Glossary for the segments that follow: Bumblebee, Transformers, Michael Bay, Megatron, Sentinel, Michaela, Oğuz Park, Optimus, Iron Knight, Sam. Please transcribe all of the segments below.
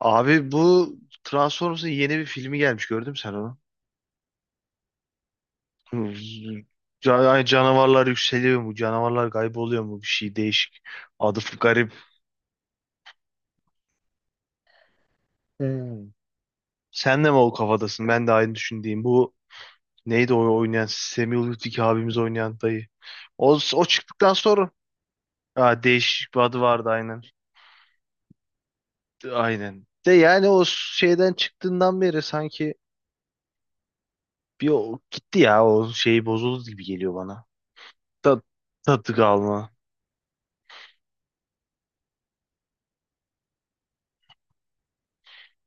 Abi bu Transformers'ın yeni bir filmi gelmiş, gördün mü sen onu? Hı, Canavarlar yükseliyor mu? Canavarlar kayboluyor mu? Bir şey değişik. Adı garip. Hmm. Sen de mi o kafadasın? Ben de aynı düşündüğüm. Bu neydi o oynayan? Samuel Lütfi abimiz oynayan dayı. O çıktıktan sonra ha, değişik bir adı vardı, aynen. Aynen. De yani o şeyden çıktığından beri sanki bir o, gitti ya, o şey bozuldu gibi geliyor bana. Tat, tadı kalma.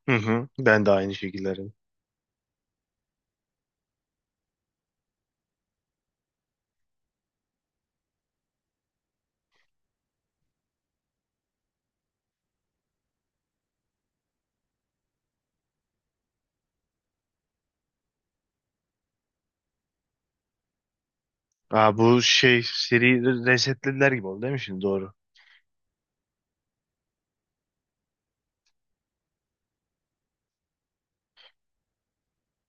Hı hı. Ben de aynı şekillerim. Aa, bu şey seri resetlediler gibi oldu değil mi şimdi? Doğru.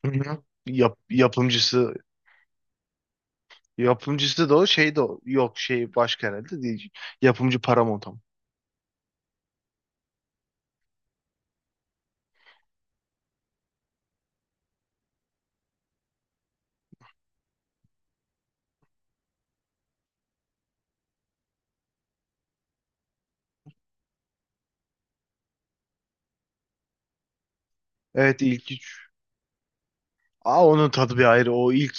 Hı hı. Yapımcısı yapımcısı da o şey de o. Yok şey başka herhalde, değil. Yapımcı Paramount ama. Evet, ilk üç. Aa, onun tadı bir ayrı. O ilk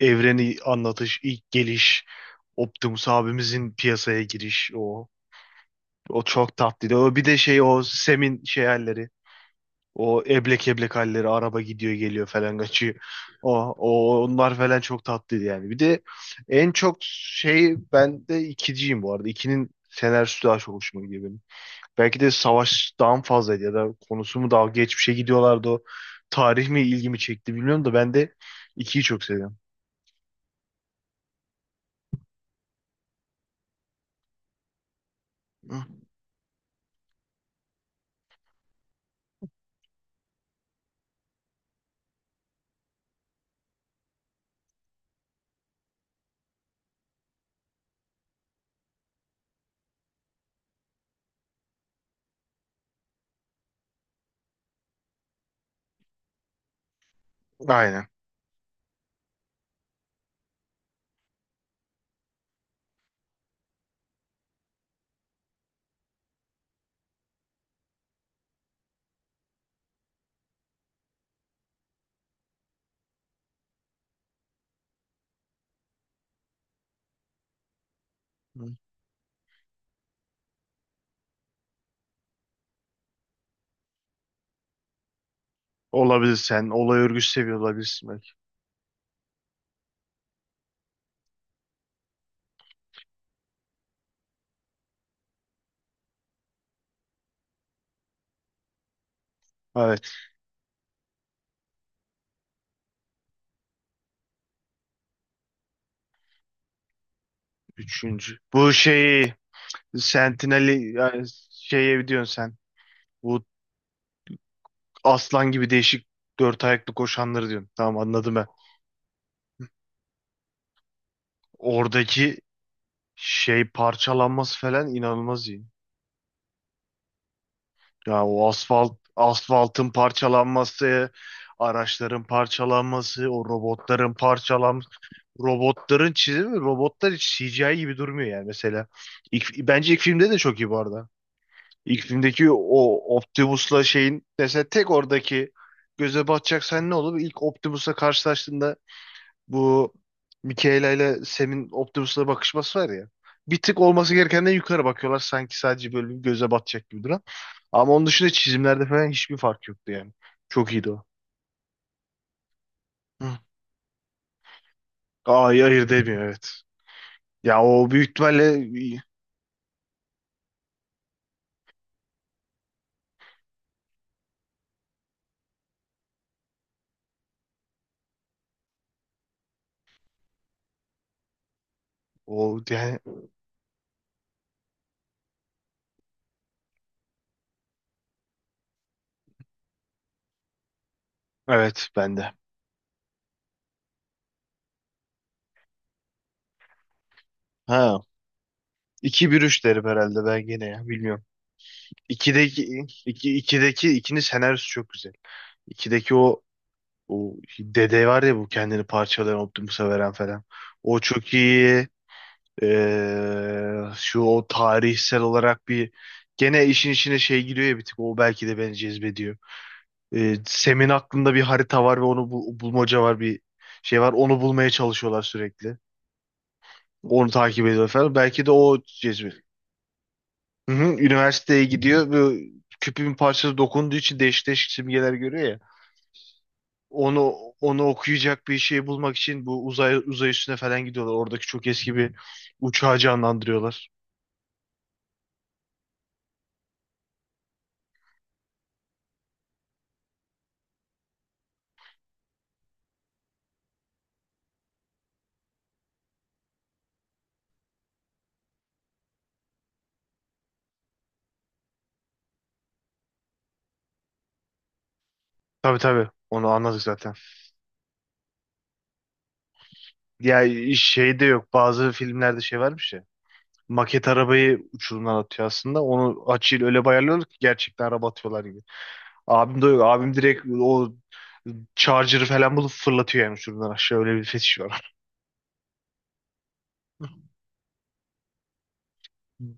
evreni anlatış, ilk geliş, Optimus abimizin piyasaya giriş o. O çok tatlıydı. O bir de şey, o Sem'in şey halleri. O eblek eblek halleri, araba gidiyor geliyor falan, kaçıyor. O onlar falan çok tatlıydı yani. Bir de en çok şey, ben de ikiciyim bu arada. İkinin senaryosu daha çok hoşuma gidiyor benim. Belki de savaştan fazlaydı ya da konusu mu daha geçmişe gidiyorlardı o. Tarih mi ilgimi çekti bilmiyorum da ben de ikiyi çok seviyorum. Hı. Aynen. Hı. Olabilir sen. Olay örgüsü seviyor olabilirsin belki. Evet. Üçüncü. Bu şeyi Sentinel'i yani, şeye diyorsun sen. Bu aslan gibi değişik dört ayaklı koşanları diyorum. Tamam, anladım ben. Oradaki şey parçalanması falan inanılmaz iyi. Ya o asfaltın parçalanması, araçların parçalanması, o robotların parçalanması. Robotların çizimi, robotlar hiç CGI gibi durmuyor yani mesela. İlk, bence ilk filmde de çok iyi bu arada. İlk filmdeki o Optimus'la şeyin mesela, tek oradaki göze batacak sen ne olur? İlk Optimus'la karşılaştığında bu Michaela ile Sam'in Optimus'la bakışması var ya. Bir tık olması gerekenden yukarı bakıyorlar. Sanki sadece böyle bir göze batacak gibi duran. Ama onun dışında çizimlerde falan hiçbir fark yoktu yani. Çok iyiydi o. Hı. Ay hayır, demiyor, evet. Ya o büyük ihtimalle o yani, evet bende. Ha, iki bir üç derim herhalde ben gene, ya bilmiyorum. 2'deki 2 2'deki 2'nin senaryosu çok güzel. 2'deki o, o dede var ya, bu kendini parçalayan Optimus'a veren falan. O çok iyi. Şu o tarihsel olarak bir, gene işin içine şey giriyor ya, bir tık o belki de beni cezbediyor. Sem'in aklında bir harita var ve onu bulmaca var, bir şey var, onu bulmaya çalışıyorlar sürekli. Onu takip ediyor falan. Belki de o cezbediyor. Hı hı, üniversiteye gidiyor ve küpün parçası dokunduğu için değişik değişik simgeler görüyor ya. Onu, onu okuyacak bir şey bulmak için bu uzay üstüne falan gidiyorlar. Oradaki çok eski bir uçağı canlandırıyorlar. Tabii tabii. Onu anladık zaten. Ya şey de yok. Bazı filmlerde şey varmış ya. Maket arabayı uçurumdan atıyor aslında. Onu açıyla öyle bayarlıyorlar ki gerçekten araba atıyorlar gibi. Abim de yok. Abim direkt o charger'ı falan bulup fırlatıyor yani uçurumdan aşağı. Öyle bir fetiş var.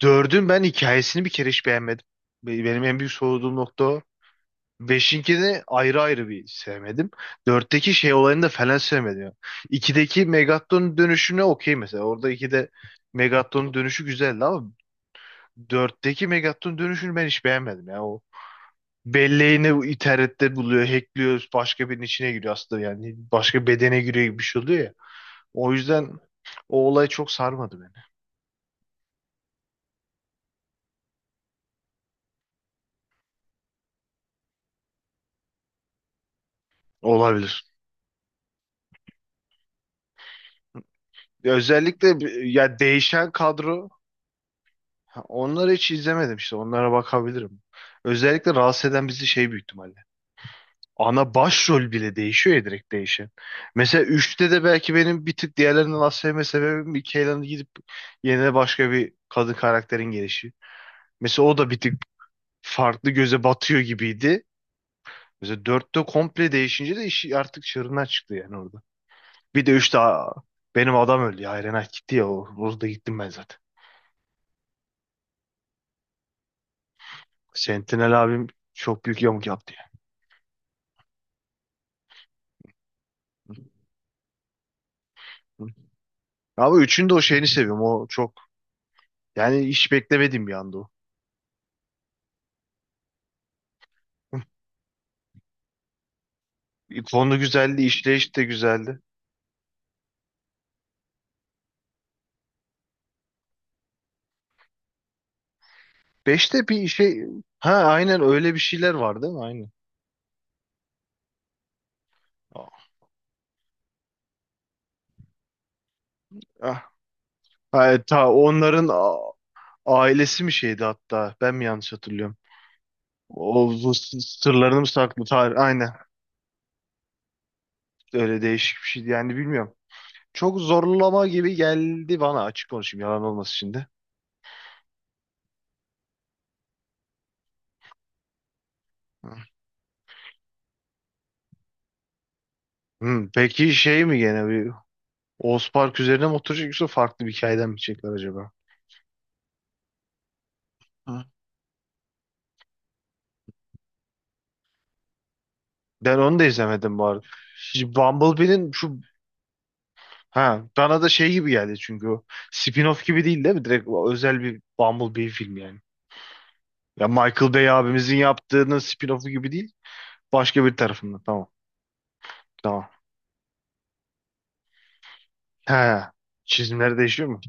Dördün ben hikayesini bir kere hiç beğenmedim. Benim en büyük soğuduğum nokta o. Beşinkini ayrı ayrı bir sevmedim. Dörtteki şey olayını da falan sevmedim ya. İkideki Megatron dönüşüne okey mesela. Orada ikide Megatron dönüşü güzeldi ama dörtteki Megatron dönüşünü ben hiç beğenmedim ya. O belleğini internette buluyor, hackliyor, başka birinin içine giriyor aslında yani. Başka bedene giriyor gibi bir şey oluyor ya. O yüzden o olay çok sarmadı beni. Olabilir. Özellikle ya değişen kadro. Ha, onları hiç izlemedim işte. Onlara bakabilirim. Özellikle rahatsız eden bizi şey, büyük ihtimalle. Ana başrol bile değişiyor ya, direkt değişen. Mesela üçte de belki benim bir tık diğerlerinden az sevme sebebim Mikaela'nın gidip yerine başka bir kadın karakterin gelişi. Mesela o da bir tık farklı göze batıyor gibiydi. Mesela dörtte komple değişince de işi artık çığırından çıktı yani orada. Bir de 3'te aa, benim adam öldü ya. Iron Knight gitti ya. Orada gittim ben zaten. Sentinel abim çok büyük yamuk yaptı ya. Ama üçünü de o şeyini seviyorum. O çok, yani hiç beklemediğim bir anda o. Konu güzeldi, işleyiş de güzeldi. Beşte bir şey, ha aynen, öyle bir şeyler var değil mi? Aynen. Ah, ha, ta onların ailesi mi şeydi hatta? Ben mi yanlış hatırlıyorum? O bu sırlarını mı saklı? Tarih, aynen. Öyle değişik bir şeydi. Yani bilmiyorum. Çok zorlama gibi geldi bana. Açık konuşayım, yalan olmasın şimdi. Hmm, peki şey mi gene bir Oğuz Park üzerine mi oturacak yoksa farklı bir hikayeden mi çekler acaba? Hı. Ben onu da izlemedim bu arada. Şimdi Bumblebee'nin şu, ha bana da şey gibi geldi çünkü o spin-off gibi, değil değil mi? Direkt o özel bir Bumblebee film yani. Ya Michael Bay abimizin yaptığının spin-off'u gibi değil. Başka bir tarafından. Tamam. Tamam. He. Çizimleri değişiyor mu?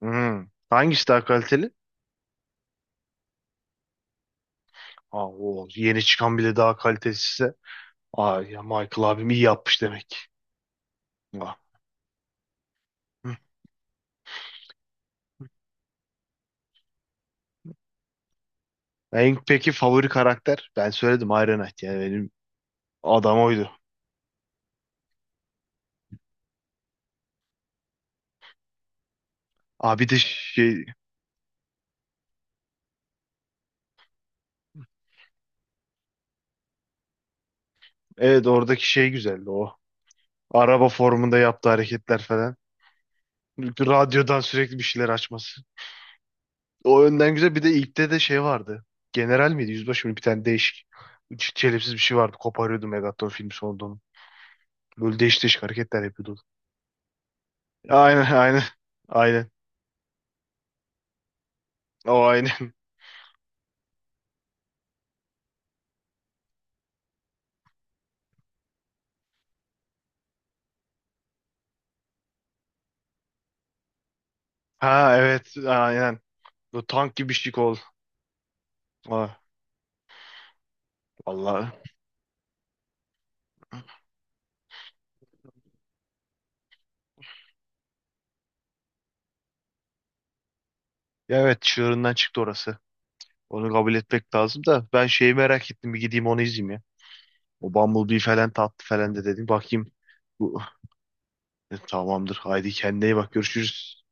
Hmm. Hangisi daha kaliteli? Aa, o yeni çıkan bile daha kalitesizse. Aa ya, Michael abim iyi yapmış demek. Aa. Hı. En peki favori karakter? Ben söyledim, Iron Knight yani benim adam oydu. Abi de şey. Evet, oradaki şey güzeldi o. Araba formunda yaptığı hareketler falan. Radyodan sürekli bir şeyler açması. O önden güzel. Bir de ilkte de şey vardı. General miydi? Yüzbaşı mıydı? Bir tane değişik. Çelimsiz bir şey vardı. Koparıyordu Megaton filmi sonunda onu. Böyle değişik değişik hareketler yapıyordu. Aynen aynen. Aynen. O aynen. Ha evet, aynen. Bu tank gibi bir şey oldu. Ha, vallahi. Ya evet, çığırından çıktı orası. Onu kabul etmek lazım da ben şeyi merak ettim, bir gideyim onu izleyeyim ya. O Bumblebee falan tatlı falan, de dedim. Bakayım. Bu, tamamdır. Haydi kendine iyi bak. Görüşürüz.